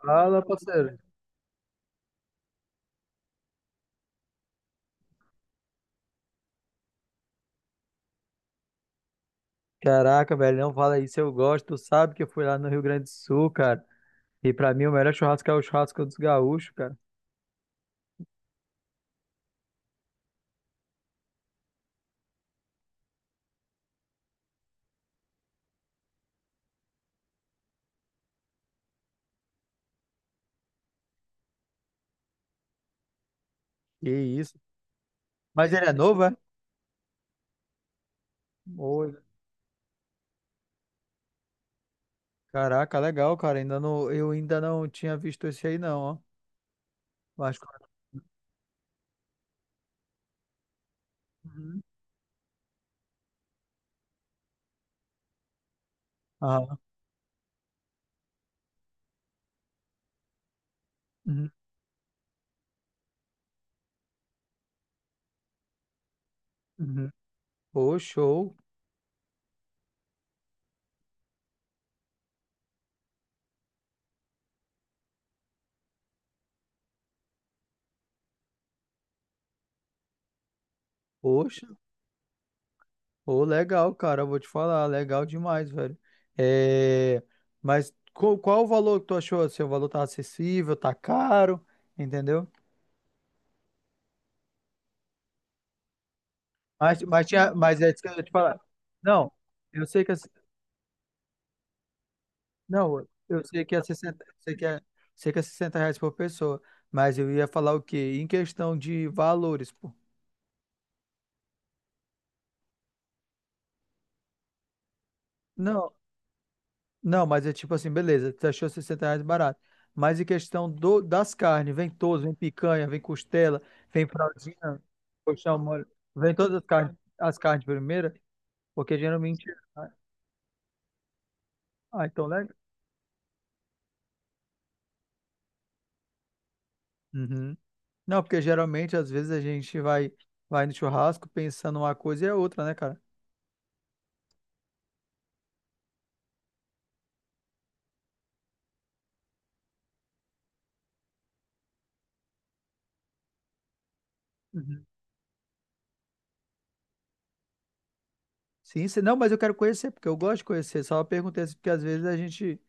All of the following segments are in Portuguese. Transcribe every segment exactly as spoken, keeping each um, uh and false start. Fala, parceiro. Caraca, velho, não fala isso, eu gosto. Tu sabe que eu fui lá no Rio Grande do Sul, cara. E pra mim o melhor churrasco é o churrasco dos gaúchos, cara. Que isso. Mas ele é novo, é? Oi. Caraca, legal, cara. Ainda não, eu ainda não tinha visto esse aí, não, ó. Mas. Uhum. Ah, uhum. Uhum. Ô, show. Poxa, ô, legal, cara. Eu vou te falar, legal demais, velho. É... Mas qual, qual o valor que tu achou? Assim, o valor tá acessível, tá caro, entendeu? Mas, mas, tinha, mas é isso que eu ia te falar. Não, eu sei que. as- Não, eu sei que é sessenta, sei que é, sei que é sessenta reais por pessoa. Mas eu ia falar o quê? Em questão de valores, pô. Não, não, mas é tipo assim, beleza, tu achou sessenta reais barato. Mas em questão do, das carnes, vem todos, vem picanha, vem costela, vem fraldinha, colchão mole, vem todas as carnes, as carnes de primeira, porque geralmente. Ah, ah, então, né? Uhum. Não, porque geralmente, às vezes, a gente vai, vai no churrasco pensando uma coisa e é outra, né, cara? Uhum. Sim, se não, mas eu quero conhecer, porque eu gosto de conhecer. Só perguntei assim, porque às vezes a gente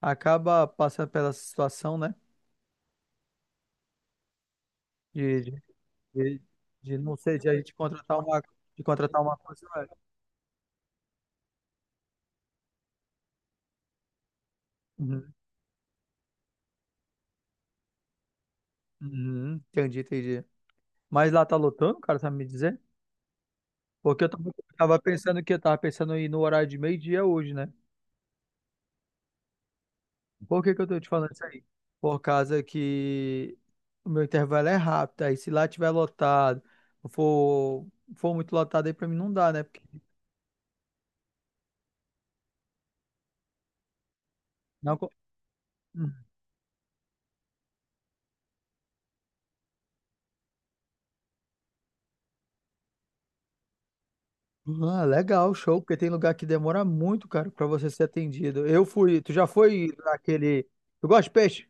acaba passando pela situação, né? De, de, de, de não sei, de a gente contratar uma, de contratar uma coisa, né? Uhum, uhum, entendi, entendi. Mas lá tá lotando, cara, sabe me dizer? Porque eu tava, eu tava pensando que eu tava pensando em ir no horário de meio-dia hoje, né? Por que que eu tô te falando isso aí? Por causa que o meu intervalo é rápido, aí se lá tiver lotado, for, for muito lotado aí pra mim não dá, né? Porque não. co- Hum. Ah, legal, show, porque tem lugar que demora muito, cara, pra você ser atendido. Eu fui, tu já foi naquele. Tu gosta de peixe?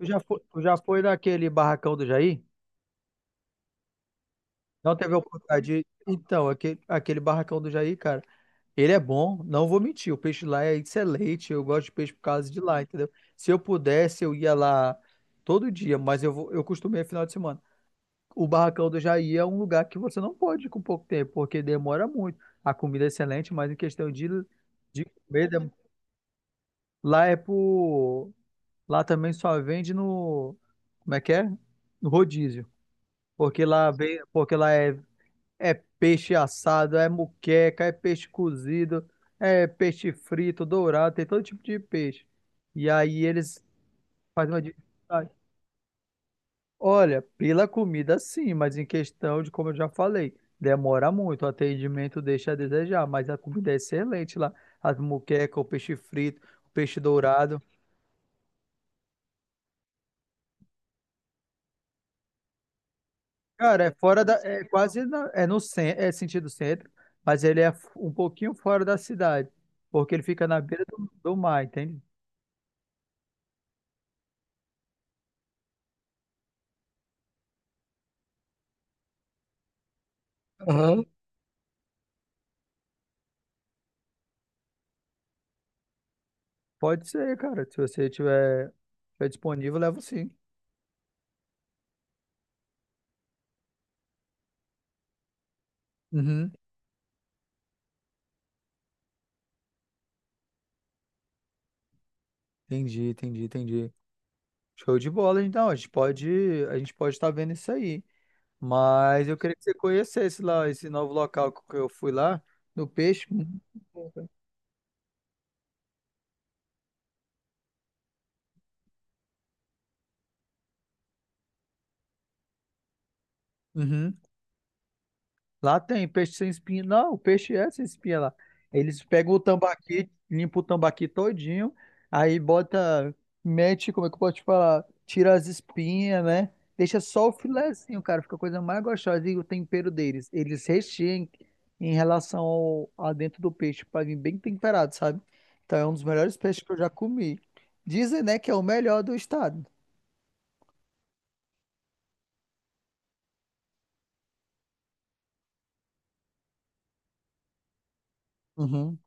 Tu já foi, tu já foi naquele barracão do Jair? Não teve a oportunidade de. Então, aquele, aquele barracão do Jair, cara, ele é bom, não vou mentir. O peixe lá é excelente. Eu gosto de peixe por causa de lá, entendeu? Se eu pudesse, eu ia lá todo dia, mas eu vou, eu costumei final de semana. O Barracão do Jair é um lugar que você não pode ir com pouco tempo, porque demora muito. A comida é excelente, mas em questão de, de comida, lá é por. Lá também só vende no. Como é que é? No rodízio. Porque lá, vem, porque lá é é peixe assado, é muqueca, é peixe cozido, é peixe frito, dourado, tem todo tipo de peixe. E aí eles fazem uma dificuldade. Olha, pela comida sim, mas em questão de, como eu já falei, demora muito, o atendimento deixa a desejar, mas a comida é excelente lá. As muquecas, o peixe frito, o peixe dourado. Cara, é fora da. É quase. Na- é no cen- é sentido centro, mas ele é f- um pouquinho fora da cidade, porque ele fica na beira do, do mar, entende? Pode ser, cara. Se você tiver, tiver disponível, levo sim. Uhum. Entendi, entendi, entendi. Show de bola, então. A gente pode, a gente pode estar vendo isso aí. Mas eu queria que você conhecesse lá esse novo local que eu fui lá, no Peixe. Muito bom, cara. Uhum. Lá tem peixe sem espinha. Não, o peixe é sem espinha lá. Eles pegam o tambaqui, limpam o tambaqui todinho, aí bota, mete, como é que eu posso te falar? Tira as espinhas, né? Deixa só o filezinho, cara. Fica a coisa mais gostosa. E o tempero deles. Eles recheiam em em relação ao, a dentro do peixe, pra vir bem temperado, sabe? Então é um dos melhores peixes que eu já comi. Dizem, né, que é o melhor do estado. Uhum.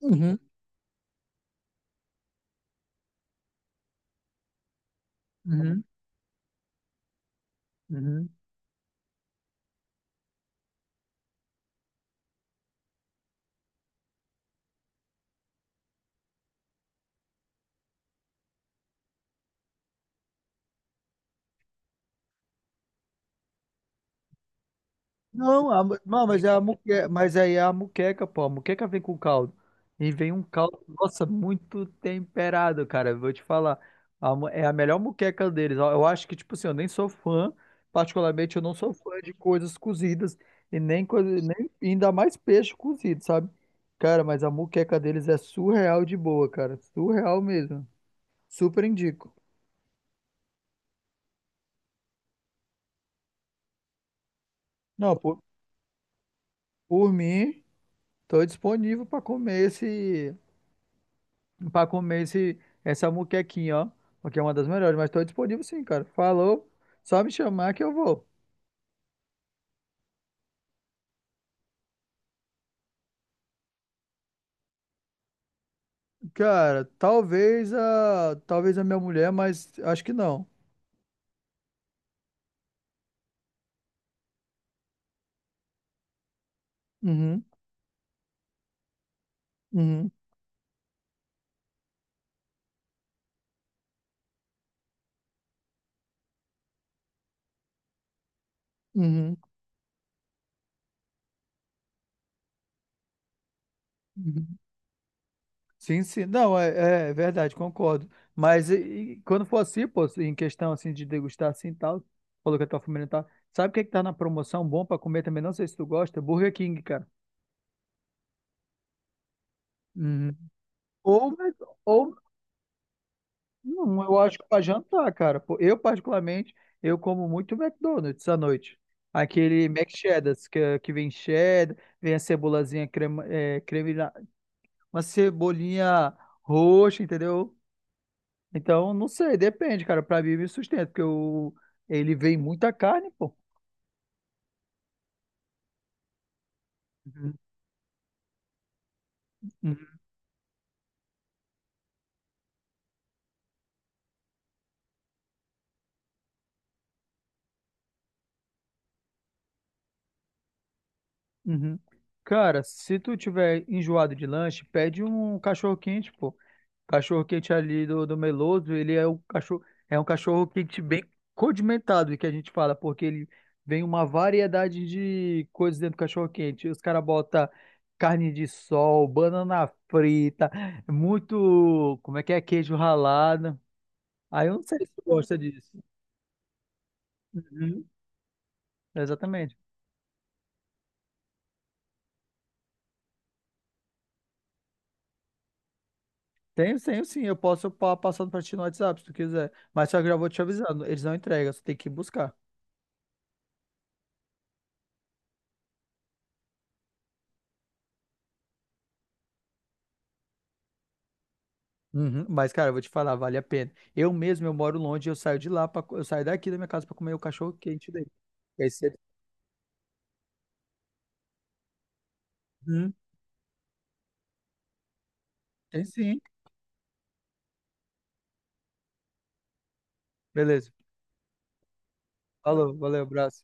Uhum. Uhum. Uhum. Não, a mu- não, mas é a muque, mas aí é a muqueca, pô. A muqueca vem com caldo. E vem um caldo, nossa, muito temperado, cara. Eu vou te falar. A mu- é a melhor muqueca deles, ó. Eu acho que, tipo assim, eu nem sou fã. Particularmente, eu não sou fã de coisas cozidas. E nem, coisa, nem ainda mais peixe cozido, sabe? Cara, mas a muqueca deles é surreal de boa, cara. Surreal mesmo. Super indico. Não, por, por mim, tô disponível pra comer esse. Pra comer esse, essa muquequinha, ó. Porque é uma das melhores, mas tô disponível sim, cara. Falou, só me chamar que eu vou. Cara, talvez a, talvez a minha mulher, mas acho que não. Uhum, uhum, uhum, uhum. Sim, sim. Não, é, é verdade, concordo. Mas e- e quando for assim, pô, em questão assim de degustar assim e tal, falou que a tua família tá. Sabe o que é que tá na promoção bom pra comer também? Não sei se tu gosta, Burger King, cara. Uhum. Ou, Mc- ou não, eu acho que para jantar, cara. Pô, eu, particularmente, eu como muito McDonald's à noite. Aquele Mac Cheddars, que, é- que vem cheddar, vem a cebolazinha crema, é, creme, na- uma cebolinha roxa, entendeu? Então, não sei, depende, cara. Pra mim, me sustenta, porque eu, ele vem muita carne, pô. Uhum, uhum, uhum. Cara, se tu tiver enjoado de lanche, pede um cachorro quente, pô. Cachorro quente ali do, do Meloso, ele é um cachorro, é um cachorro quente bem condimentado, que a gente fala, porque ele vem uma variedade de coisas dentro do cachorro quente. Os caras botam carne de sol, banana frita, muito, como é que é, queijo ralado. Aí eu não sei se tu gosta disso. Uhum, exatamente. Tenho, tenho sim, eu posso pa- passar para ti no WhatsApp se tu quiser. Mas só que eu já vou te avisando, eles não entregam, você tem que ir buscar. Uhum, mas, cara, eu vou te falar, vale a pena. Eu mesmo, eu moro longe, eu saio de lá, pra, co- eu saio daqui da minha casa pra comer o cachorro quente dele. E aí você. Uhum, tem sim. Beleza. Falou, valeu, abraço.